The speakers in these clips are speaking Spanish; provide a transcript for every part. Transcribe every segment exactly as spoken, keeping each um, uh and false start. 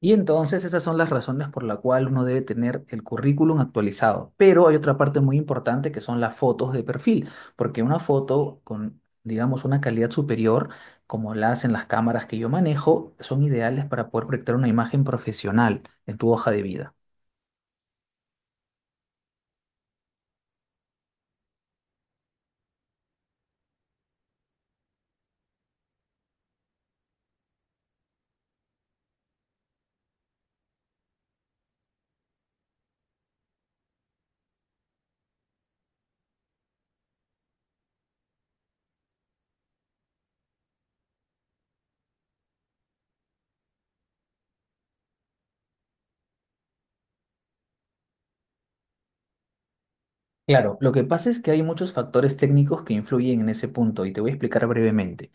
Y entonces esas son las razones por la cual uno debe tener el currículum actualizado. Pero hay otra parte muy importante que son las fotos de perfil, porque una foto con, digamos, una calidad superior, como la hacen las cámaras que yo manejo, son ideales para poder proyectar una imagen profesional en tu hoja de vida. Claro, lo que pasa es que hay muchos factores técnicos que influyen en ese punto y te voy a explicar brevemente.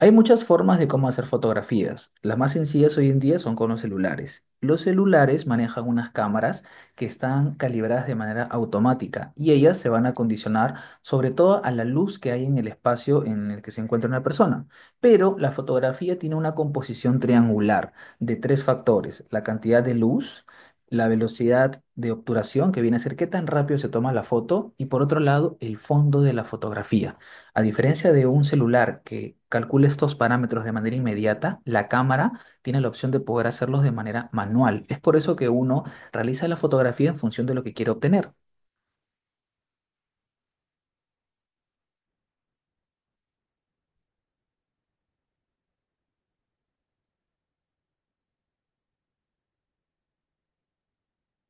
Hay muchas formas de cómo hacer fotografías. Las más sencillas hoy en día son con los celulares. Los celulares manejan unas cámaras que están calibradas de manera automática y ellas se van a condicionar sobre todo a la luz que hay en el espacio en el que se encuentra una persona. Pero la fotografía tiene una composición triangular de tres factores, la cantidad de luz, la velocidad de obturación, que viene a ser qué tan rápido se toma la foto, y por otro lado, el fondo de la fotografía. A diferencia de un celular que calcula estos parámetros de manera inmediata, la cámara tiene la opción de poder hacerlos de manera manual. Es por eso que uno realiza la fotografía en función de lo que quiere obtener.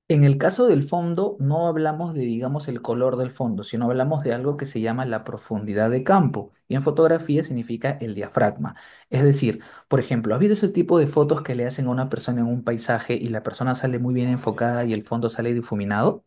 En el caso del fondo, no hablamos de, digamos, el color del fondo, sino hablamos de algo que se llama la profundidad de campo. Y en fotografía significa el diafragma. Es decir, por ejemplo, ¿has visto ese tipo de fotos que le hacen a una persona en un paisaje y la persona sale muy bien enfocada y el fondo sale difuminado?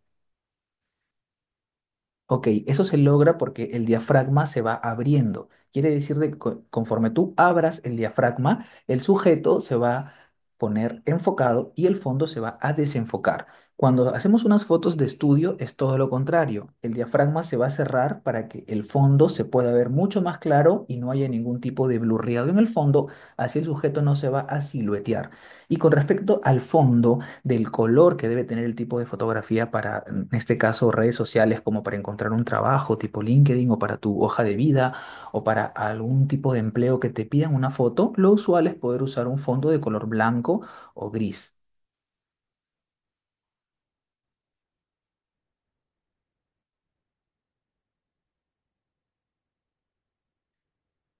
Ok, eso se logra porque el diafragma se va abriendo. Quiere decir de que co- conforme tú abras el diafragma, el sujeto se va a poner enfocado y el fondo se va a desenfocar. Cuando hacemos unas fotos de estudio es todo lo contrario. El diafragma se va a cerrar para que el fondo se pueda ver mucho más claro y no haya ningún tipo de blurreado en el fondo, así el sujeto no se va a siluetear. Y con respecto al fondo del color que debe tener el tipo de fotografía para, en este caso, redes sociales, como para encontrar un trabajo tipo LinkedIn o para tu hoja de vida o para algún tipo de empleo que te pidan una foto, lo usual es poder usar un fondo de color blanco o gris.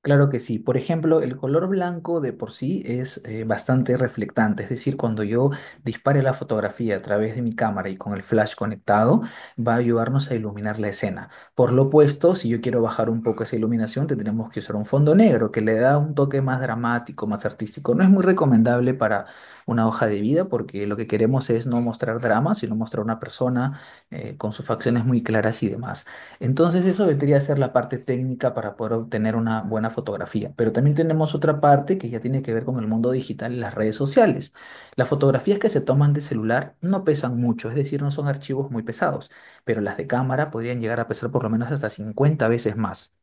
Claro que sí. Por ejemplo, el color blanco de por sí es eh, bastante reflectante, es decir, cuando yo dispare la fotografía a través de mi cámara y con el flash conectado, va a ayudarnos a iluminar la escena. Por lo opuesto, si yo quiero bajar un poco esa iluminación, tendremos que usar un fondo negro que le da un toque más dramático, más artístico. No es muy recomendable para una hoja de vida porque lo que queremos es no mostrar drama, sino mostrar una persona eh, con sus facciones muy claras y demás. Entonces eso vendría a ser la parte técnica para poder obtener una buena fotografía. Pero también tenemos otra parte que ya tiene que ver con el mundo digital y las redes sociales. Las fotografías que se toman de celular no pesan mucho, es decir, no son archivos muy pesados, pero las de cámara podrían llegar a pesar por lo menos hasta cincuenta veces más.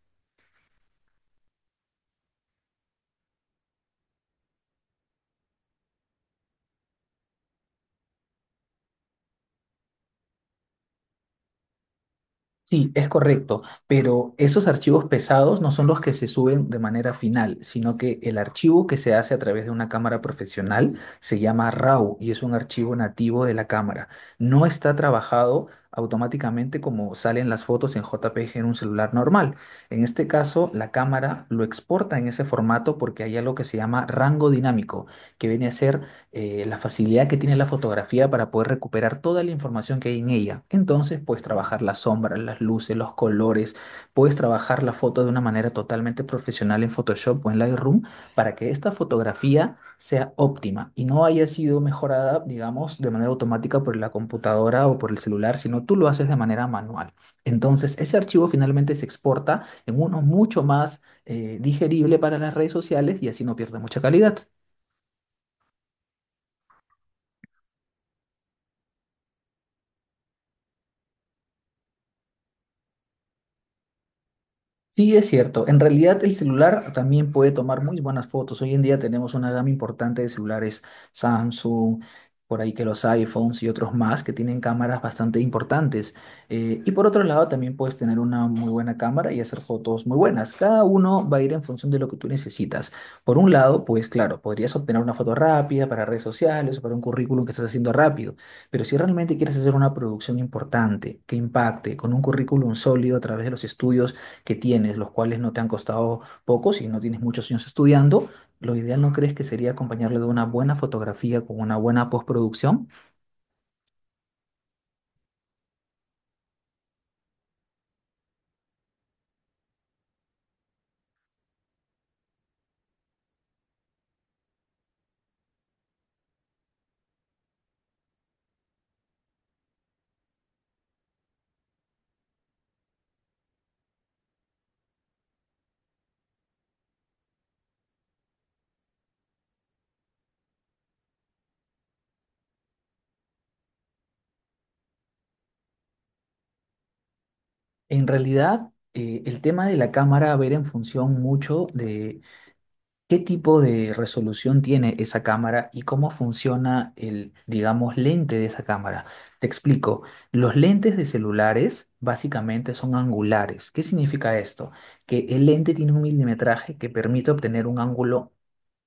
Sí, es correcto, pero esos archivos pesados no son los que se suben de manera final, sino que el archivo que se hace a través de una cámara profesional se llama R A W y es un archivo nativo de la cámara. No está trabajado automáticamente como salen las fotos en J P G en un celular normal. En este caso, la cámara lo exporta en ese formato porque hay algo que se llama rango dinámico, que viene a ser eh, la facilidad que tiene la fotografía para poder recuperar toda la información que hay en ella. Entonces puedes trabajar las sombras, las luces, los colores, puedes trabajar la foto de una manera totalmente profesional en Photoshop o en Lightroom para que esta fotografía sea óptima y no haya sido mejorada, digamos, de manera automática por la computadora o por el celular, sino tú lo haces de manera manual. Entonces, ese archivo finalmente se exporta en uno mucho más eh, digerible para las redes sociales y así no pierde mucha calidad. Sí, es cierto. En realidad el celular también puede tomar muy buenas fotos. Hoy en día tenemos una gama importante de celulares Samsung, por ahí que los iPhones y otros más que tienen cámaras bastante importantes. Eh, y por otro lado también puedes tener una muy buena cámara y hacer fotos muy buenas. Cada uno va a ir en función de lo que tú necesitas. Por un lado, pues claro, podrías obtener una foto rápida para redes sociales o para un currículum que estás haciendo rápido. Pero si realmente quieres hacer una producción importante, que impacte, con un currículum sólido a través de los estudios, que tienes, los cuales no te han costado poco, si no tienes muchos años estudiando, lo ideal no crees que sería acompañarlo de una buena fotografía con una buena postproducción. En realidad, eh, el tema de la cámara va a ver en función mucho de ¿qué tipo de resolución tiene esa cámara y cómo funciona el, digamos, lente de esa cámara? Te explico. Los lentes de celulares básicamente son angulares. ¿Qué significa esto? Que el lente tiene un milimetraje que permite obtener un ángulo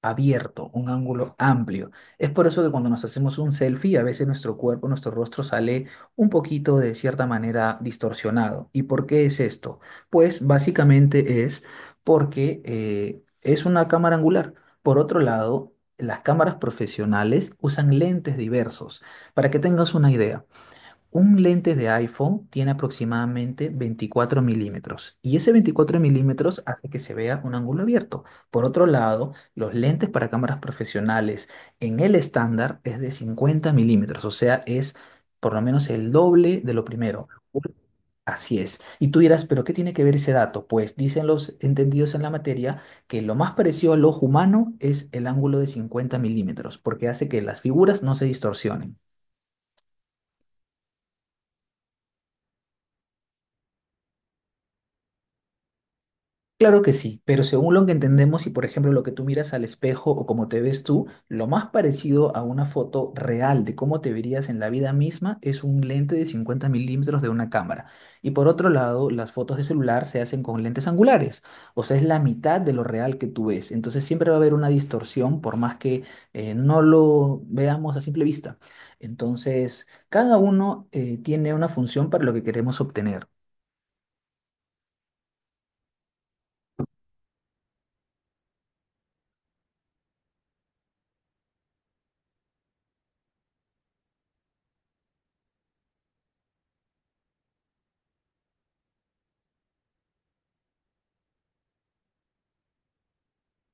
abierto, un ángulo amplio. Es por eso que cuando nos hacemos un selfie, a veces nuestro cuerpo, nuestro rostro sale un poquito de cierta manera distorsionado. ¿Y por qué es esto? Pues básicamente es porque eh, es una cámara angular. Por otro lado, las cámaras profesionales usan lentes diversos. Para que tengas una idea, un lente de iPhone tiene aproximadamente veinticuatro milímetros y ese veinticuatro milímetros hace que se vea un ángulo abierto. Por otro lado, los lentes para cámaras profesionales en el estándar es de cincuenta milímetros, o sea, es por lo menos el doble de lo primero. Así es. Y tú dirás, ¿pero qué tiene que ver ese dato? Pues dicen los entendidos en la materia que lo más parecido al ojo humano es el ángulo de cincuenta milímetros, porque hace que las figuras no se distorsionen. Claro que sí, pero según lo que entendemos y por ejemplo lo que tú miras al espejo o cómo te ves tú, lo más parecido a una foto real de cómo te verías en la vida misma es un lente de cincuenta milímetros de una cámara. Y por otro lado, las fotos de celular se hacen con lentes angulares, o sea, es la mitad de lo real que tú ves. Entonces siempre va a haber una distorsión por más que eh, no lo veamos a simple vista. Entonces, cada uno eh, tiene una función para lo que queremos obtener.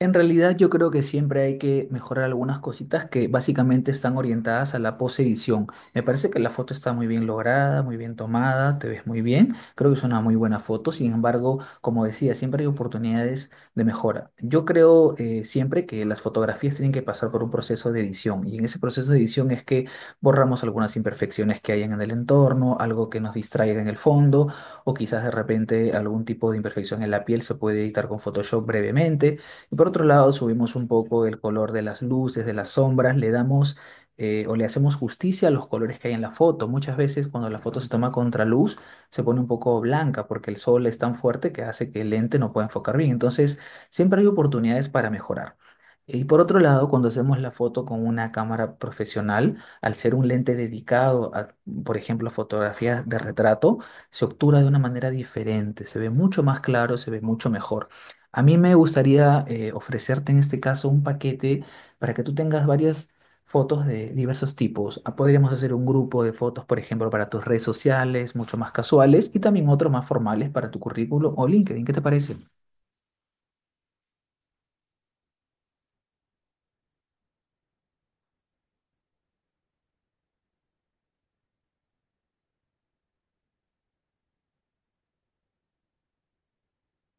En realidad yo creo que siempre hay que mejorar algunas cositas que básicamente están orientadas a la posedición. Me parece que la foto está muy bien lograda, muy bien tomada, te ves muy bien. Creo que es una muy buena foto. Sin embargo, como decía, siempre hay oportunidades de mejora. Yo creo eh, siempre que las fotografías tienen que pasar por un proceso de edición y en ese proceso de edición es que borramos algunas imperfecciones que hayan en el entorno, algo que nos distraiga en el fondo o quizás de repente algún tipo de imperfección en la piel se puede editar con Photoshop brevemente. Y por otro lado, subimos un poco el color de las luces, de las sombras, le damos eh, o le hacemos justicia a los colores que hay en la foto. Muchas veces cuando la foto se toma contra luz, se pone un poco blanca porque el sol es tan fuerte que hace que el lente no pueda enfocar bien. Entonces, siempre hay oportunidades para mejorar. Y por otro lado, cuando hacemos la foto con una cámara profesional, al ser un lente dedicado a, por ejemplo, fotografía de retrato, se obtura de una manera diferente, se ve mucho más claro, se ve mucho mejor. A mí me gustaría eh, ofrecerte en este caso un paquete para que tú tengas varias fotos de diversos tipos. Ah, podríamos hacer un grupo de fotos, por ejemplo, para tus redes sociales, mucho más casuales, y también otros más formales para tu currículum o LinkedIn. ¿Qué te parece?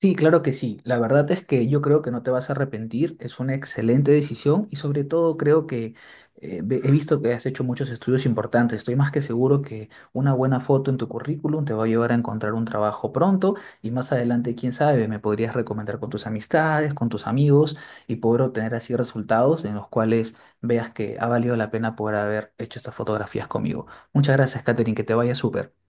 Sí, claro que sí. La verdad es que yo creo que no te vas a arrepentir. Es una excelente decisión y sobre todo creo que eh, ve- he visto que has hecho muchos estudios importantes. Estoy más que seguro que una buena foto en tu currículum te va a llevar a encontrar un trabajo pronto y más adelante, quién sabe, me podrías recomendar con tus amistades, con tus amigos y poder obtener así resultados en los cuales veas que ha valido la pena poder haber hecho estas fotografías conmigo. Muchas gracias, Katherine, que te vaya súper.